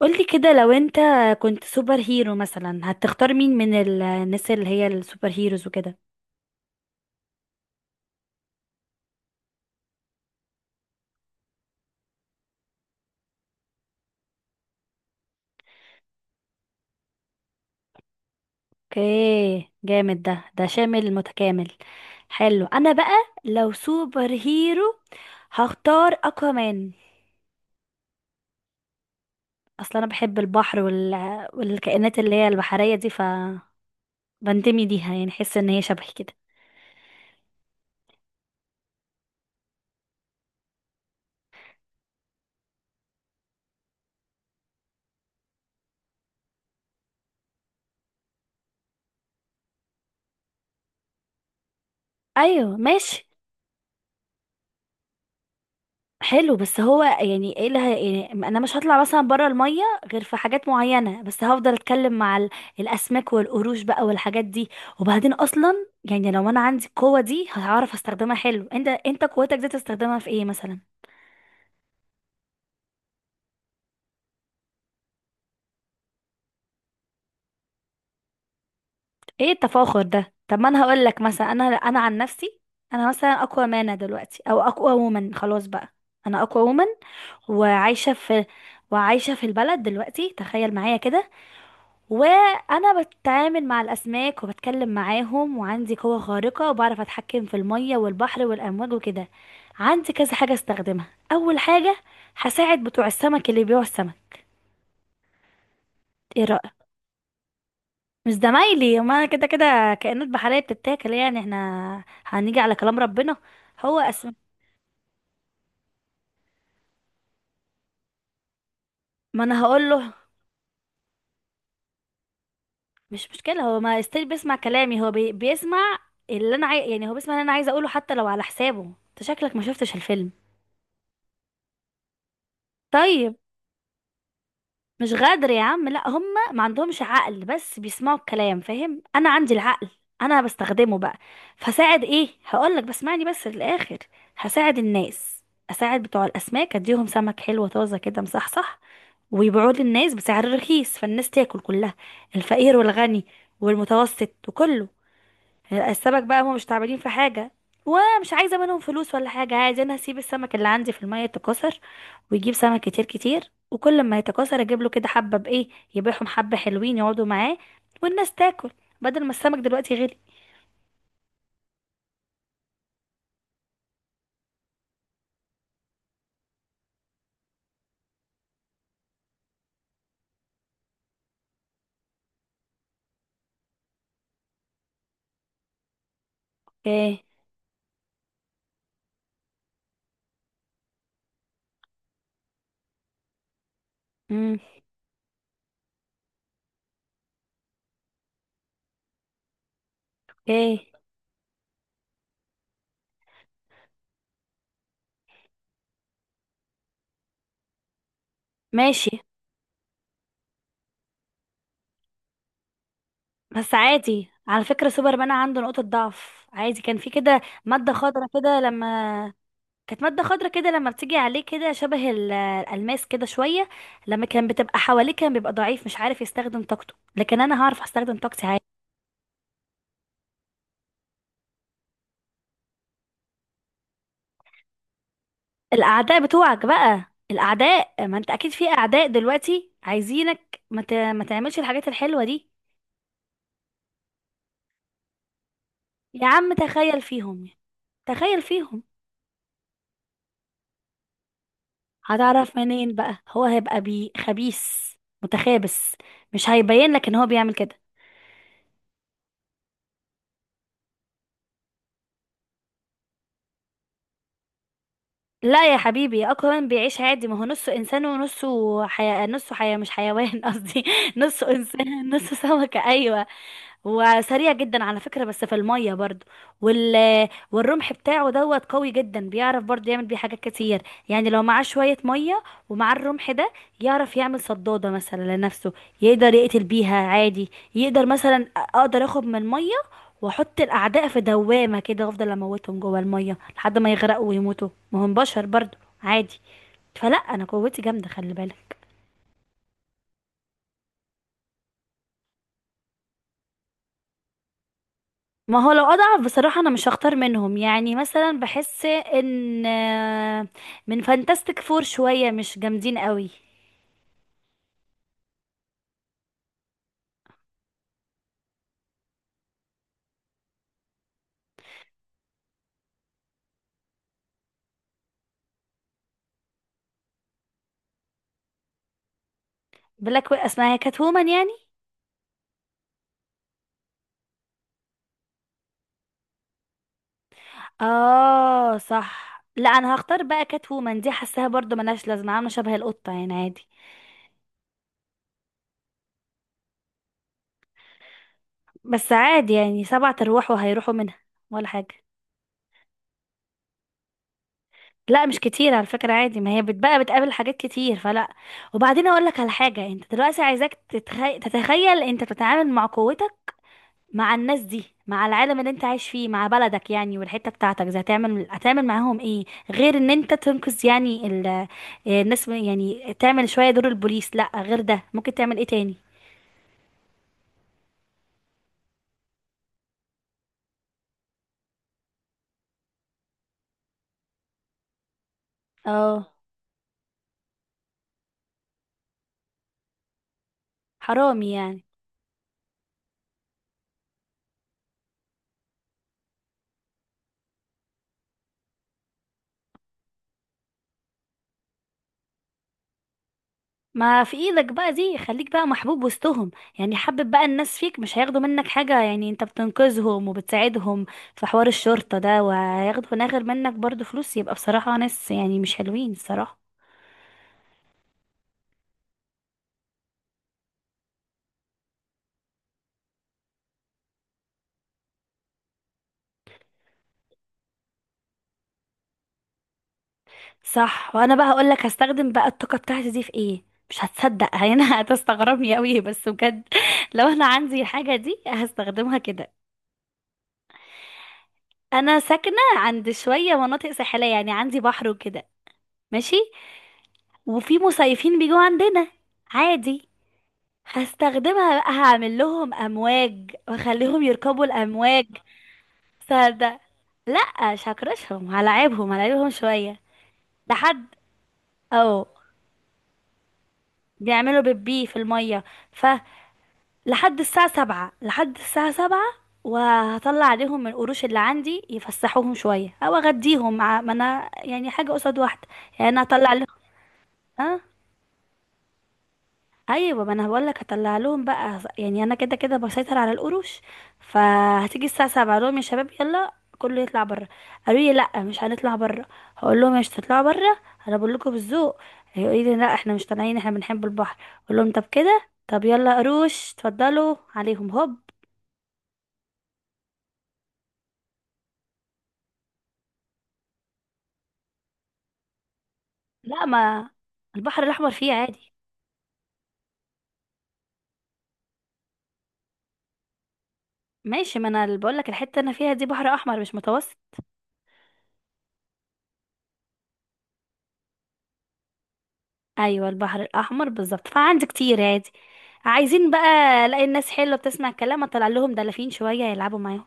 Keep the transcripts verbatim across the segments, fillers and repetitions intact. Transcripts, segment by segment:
قولي كده. لو انت كنت سوبر هيرو مثلا هتختار مين من ال- الناس اللي هي السوبر هيروز وكده؟ اوكي، جامد. ده ده شامل متكامل، حلو. انا بقى لو سوبر هيرو هختار اكوامان. اصلا انا بحب البحر وال... والكائنات اللي هي البحرية دي، ف بنتمي ليها، يعني حس ان هي شبهي كده. ايوه ماشي. حلو، بس هو يعني ايه اللي هي- يعني انا مش هطلع مثلا بره الميه غير في حاجات معينه، بس هفضل اتكلم مع ال- الاسماك والقروش بقى والحاجات دي. وبعدين اصلا يعني لو انا عندي القوه دي هعرف استخدمها. حلو، انت انت قوتك دي تستخدمها في ايه مثلا؟ ايه التفاخر ده؟ طب ما انا هقول لك مثلا، انا انا عن نفسي، انا مثلا اقوى مانا دلوقتي، او اقوى وومن خلاص بقى. انا اقوى وومن، وعايشه في وعايشه في البلد دلوقتي. تخيل معايا كده، وانا بتعامل مع الاسماك وبتكلم معاهم وعندي قوة خارقة وبعرف اتحكم في المية والبحر والامواج وكده. عندي كذا حاجة استخدمها. اول حاجة، هساعد بتوع السمك اللي بيبيعوا السمك. ايه رأيك؟ مش زمايلي، ما أنا كده كده كائنات بحرية بتتاكل، يعني احنا هنيجي على كلام ربنا. هو اسم. ما انا هقول له، مش مشكلة، هو ما استيل بيسمع كلامي. هو بي... بيسمع اللي انا عاي... يعني هو بيسمع اللي انا عايزة اقوله، حتى لو على حسابه. انت شكلك ما شفتش الفيلم. طيب، مش غدر يا عم، لا هم ما عندهمش عقل بس بيسمعوا الكلام، فاهم؟ انا عندي العقل، انا بستخدمه بقى. فساعد، ايه هقولك، بس اسمعني بس للاخر. هساعد الناس، اساعد بتوع الاسماك، اديهم سمك حلو طازه كده مصحصح ويبيعوه للناس بسعر رخيص، فالناس تاكل كلها، الفقير والغني والمتوسط وكله. السمك بقى هم مش تعبانين في حاجة، ومش عايزة منهم فلوس ولا حاجة. عايز انا اسيب السمك اللي عندي في المية يتكاثر ويجيب سمك كتير كتير، وكل ما يتكاثر اجيب له كده حبة بايه، يبيعهم حبة، حلوين يقعدوا معاه، والناس تاكل بدل ما السمك دلوقتي غلي. اوكي. امم اوكي ماشي. بس عادي على فكرة، سوبرمان عنده نقطة ضعف عادي. كان في كده مادة خضراء كده، لما كانت مادة خضرة كده، لما بتيجي عليه كده شبه ال- الألماس كده شوية، لما كان بتبقى حواليه كان بيبقى ضعيف مش عارف يستخدم طاقته. لكن أنا هعرف أستخدم طاقتي عادي. الأعداء بتوعك بقى، الأعداء، ما أنت أكيد في أعداء دلوقتي عايزينك ما, ت... ما تعملش الحاجات الحلوة دي. يا عم تخيل فيهم يعني. تخيل فيهم. هتعرف منين بقى؟ هو هيبقى بي خبيث متخابس، مش هيبين لك ان هو بيعمل كده. لا يا حبيبي، اكوان بيعيش عادي، ما هو نصه انسان ونصه حياة نصه حياة مش حيوان قصدي نصه انسان نصه سمكة. ايوه. هو سريع جدا على فكرة بس في المية برضو، وال... والرمح بتاعه دوت قوي جدا، بيعرف برضو يعمل بيه حاجات كتير. يعني لو معاه شوية مية ومعاه الرمح ده، يعرف يعمل صدادة مثلا لنفسه، يقدر يقتل بيها عادي. يقدر مثلا، اقدر اخد من المية واحط الاعداء في دوامة كده وافضل اموتهم جوه المية لحد ما يغرقوا ويموتوا، ما هم بشر برضو، عادي. فلا انا قوتي جامدة، خلي بالك. ما هو لو اضعف بصراحة، انا مش هختار منهم. يعني مثلا بحس ان آه، من فانتاستيك فور شوية مش جامدين قوي. بلاك وي- اسمها كات وومن يعني. اه صح، لا انا هختار بقى كات وومن دي، حاساها برضو ملهاش لازمة، عاملة شبه القطة يعني عادي. بس عادي يعني، سبعة ارواح وهيروحوا منها ولا حاجة. لا مش كتير على فكرة، عادي، ما هي بتبقى بتقابل حاجات كتير فلا. وبعدين اقول لك على حاجة، انت دلوقتي عايزاك تتخي... تتخيل انت بتتعامل مع قوتك، مع الناس دي، مع العالم اللي انت عايش فيه، مع بلدك يعني والحتة بتاعتك زي، هتعمل هتعمل معاهم ايه، غير ان انت تنقذ يعني ال... الناس من- يعني تعمل شوية دور البوليس؟ لا غير ده، ممكن تعمل ايه تاني؟ اه حرامي يعني. ما في ايدك بقى دي، خليك بقى محبوب وسطهم، يعني حبب بقى الناس فيك، مش هياخدوا منك حاجة، يعني انت بتنقذهم وبتساعدهم في حوار الشرطة ده، وهياخدوا ناغر منك برضو فلوس، يبقى بصراحة ناس يعني مش حلوين الصراحة. صح. وانا بقى هقول لك هستخدم بقى الطاقه بتاعتي دي في ايه. مش هتصدق يعني هتستغربني قوي بس بجد. لو انا عندي الحاجه دي هستخدمها كده. انا ساكنه عند شويه مناطق ساحليه، يعني عندي بحر وكده. ماشي. وفي مصيفين بيجوا عندنا عادي. هستخدمها بقى، هعمل لهم امواج واخليهم يركبوا الامواج. صدق. لا مش هكرشهم، هلاعبهم هلاعبهم شويه. لحد، اه، بيعملوا بيبي في الميه، لحد الساعة سبعة، لحد الساعة سبعة، وهطلع عليهم من القروش اللي عندي يفسحوهم شوية، أو أغديهم، مع ما أنا يعني حاجة قصاد واحدة. يعني أنا هطلع لهم. أه. أيوة، ما أنا بقولك هطلع لهم بقى، يعني أنا كده كده بسيطر على القروش. فهتيجي الساعة سبعة أقول لهم يا شباب يلا، كله يطلع بره. قالوا لي لا مش هنطلع بره، هقول لهم مش هتطلعوا بره؟ انا بقول لكم بالذوق. هيقولوا لي لا احنا مش طالعين، احنا بنحب البحر. اقول لهم طب كده، طب يلا قروش اتفضلوا عليهم هوب. لا، ما البحر الاحمر فيه عادي. ماشي، ما انا اللي بقول لك الحته اللي انا فيها دي بحر احمر مش متوسط. ايوه، البحر الاحمر بالظبط، فعندي كتير عادي. عايزين بقى، الاقي الناس حلوه بتسمع الكلام، اطلع لهم دلافين شويه يلعبوا معاهم.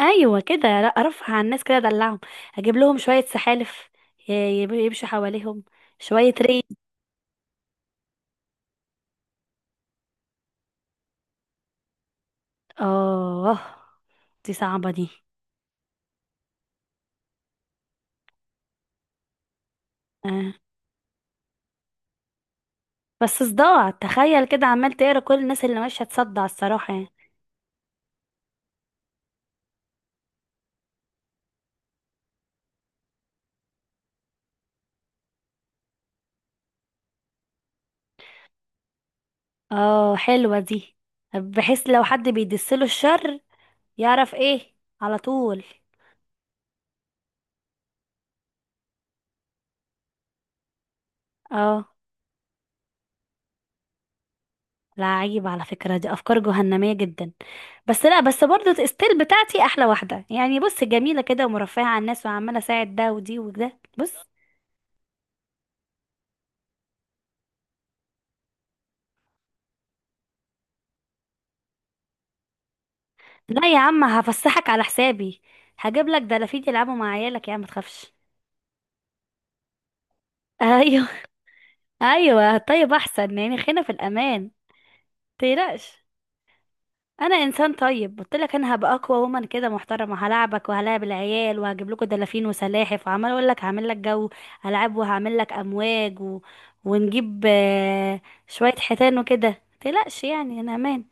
ايوه كده، لا ارفع عن الناس كده، ادلعهم، اجيب لهم شويه سحالف، ي- يب- يمشوا حواليهم شويه ري اه. دي صعبه دي. آه. بس صداع، تخيل كده عمال تقرا كل الناس اللي ماشيه، تصدع الصراحه يعني. اه حلوة دي، بحيث لو حد بيدسله الشر يعرف ايه على طول. اه. لا عيب على فكرة، دي افكار جهنمية جدا. بس لا، بس برضو الستيل بتاعتي احلى واحدة، يعني بص جميلة كده ومرفهة على الناس وعمالة اساعد ده ودي وده، بص. لا يا عم، هفسحك على حسابي، هجيب لك دلافين يلعبوا مع عيالك يا عم، ما تخافش. ايوه. ايوه طيب، احسن يعني خلينا في الامان. متقلقش، انا انسان طيب، قلت لك انا هبقى اقوى ومن كده، محترمه، هلاعبك وهلاعب العيال وهجيب لكم دلافين وسلاحف، وعمال اقول لك هعمل لك جو العاب، وهعمل لك امواج و... ونجيب آه، شويه حيتان وكده، متقلقش يعني، انا امان.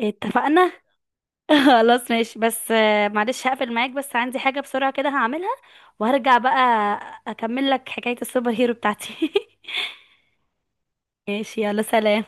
اتفقنا. خلاص ماشي، بس آه، معلش هقفل معاك، بس عندي حاجه بسرعه كده هعملها وهرجع بقى، اكمل لك حكايه السوبر هيرو بتاعتي. ماشي يلا، سلام.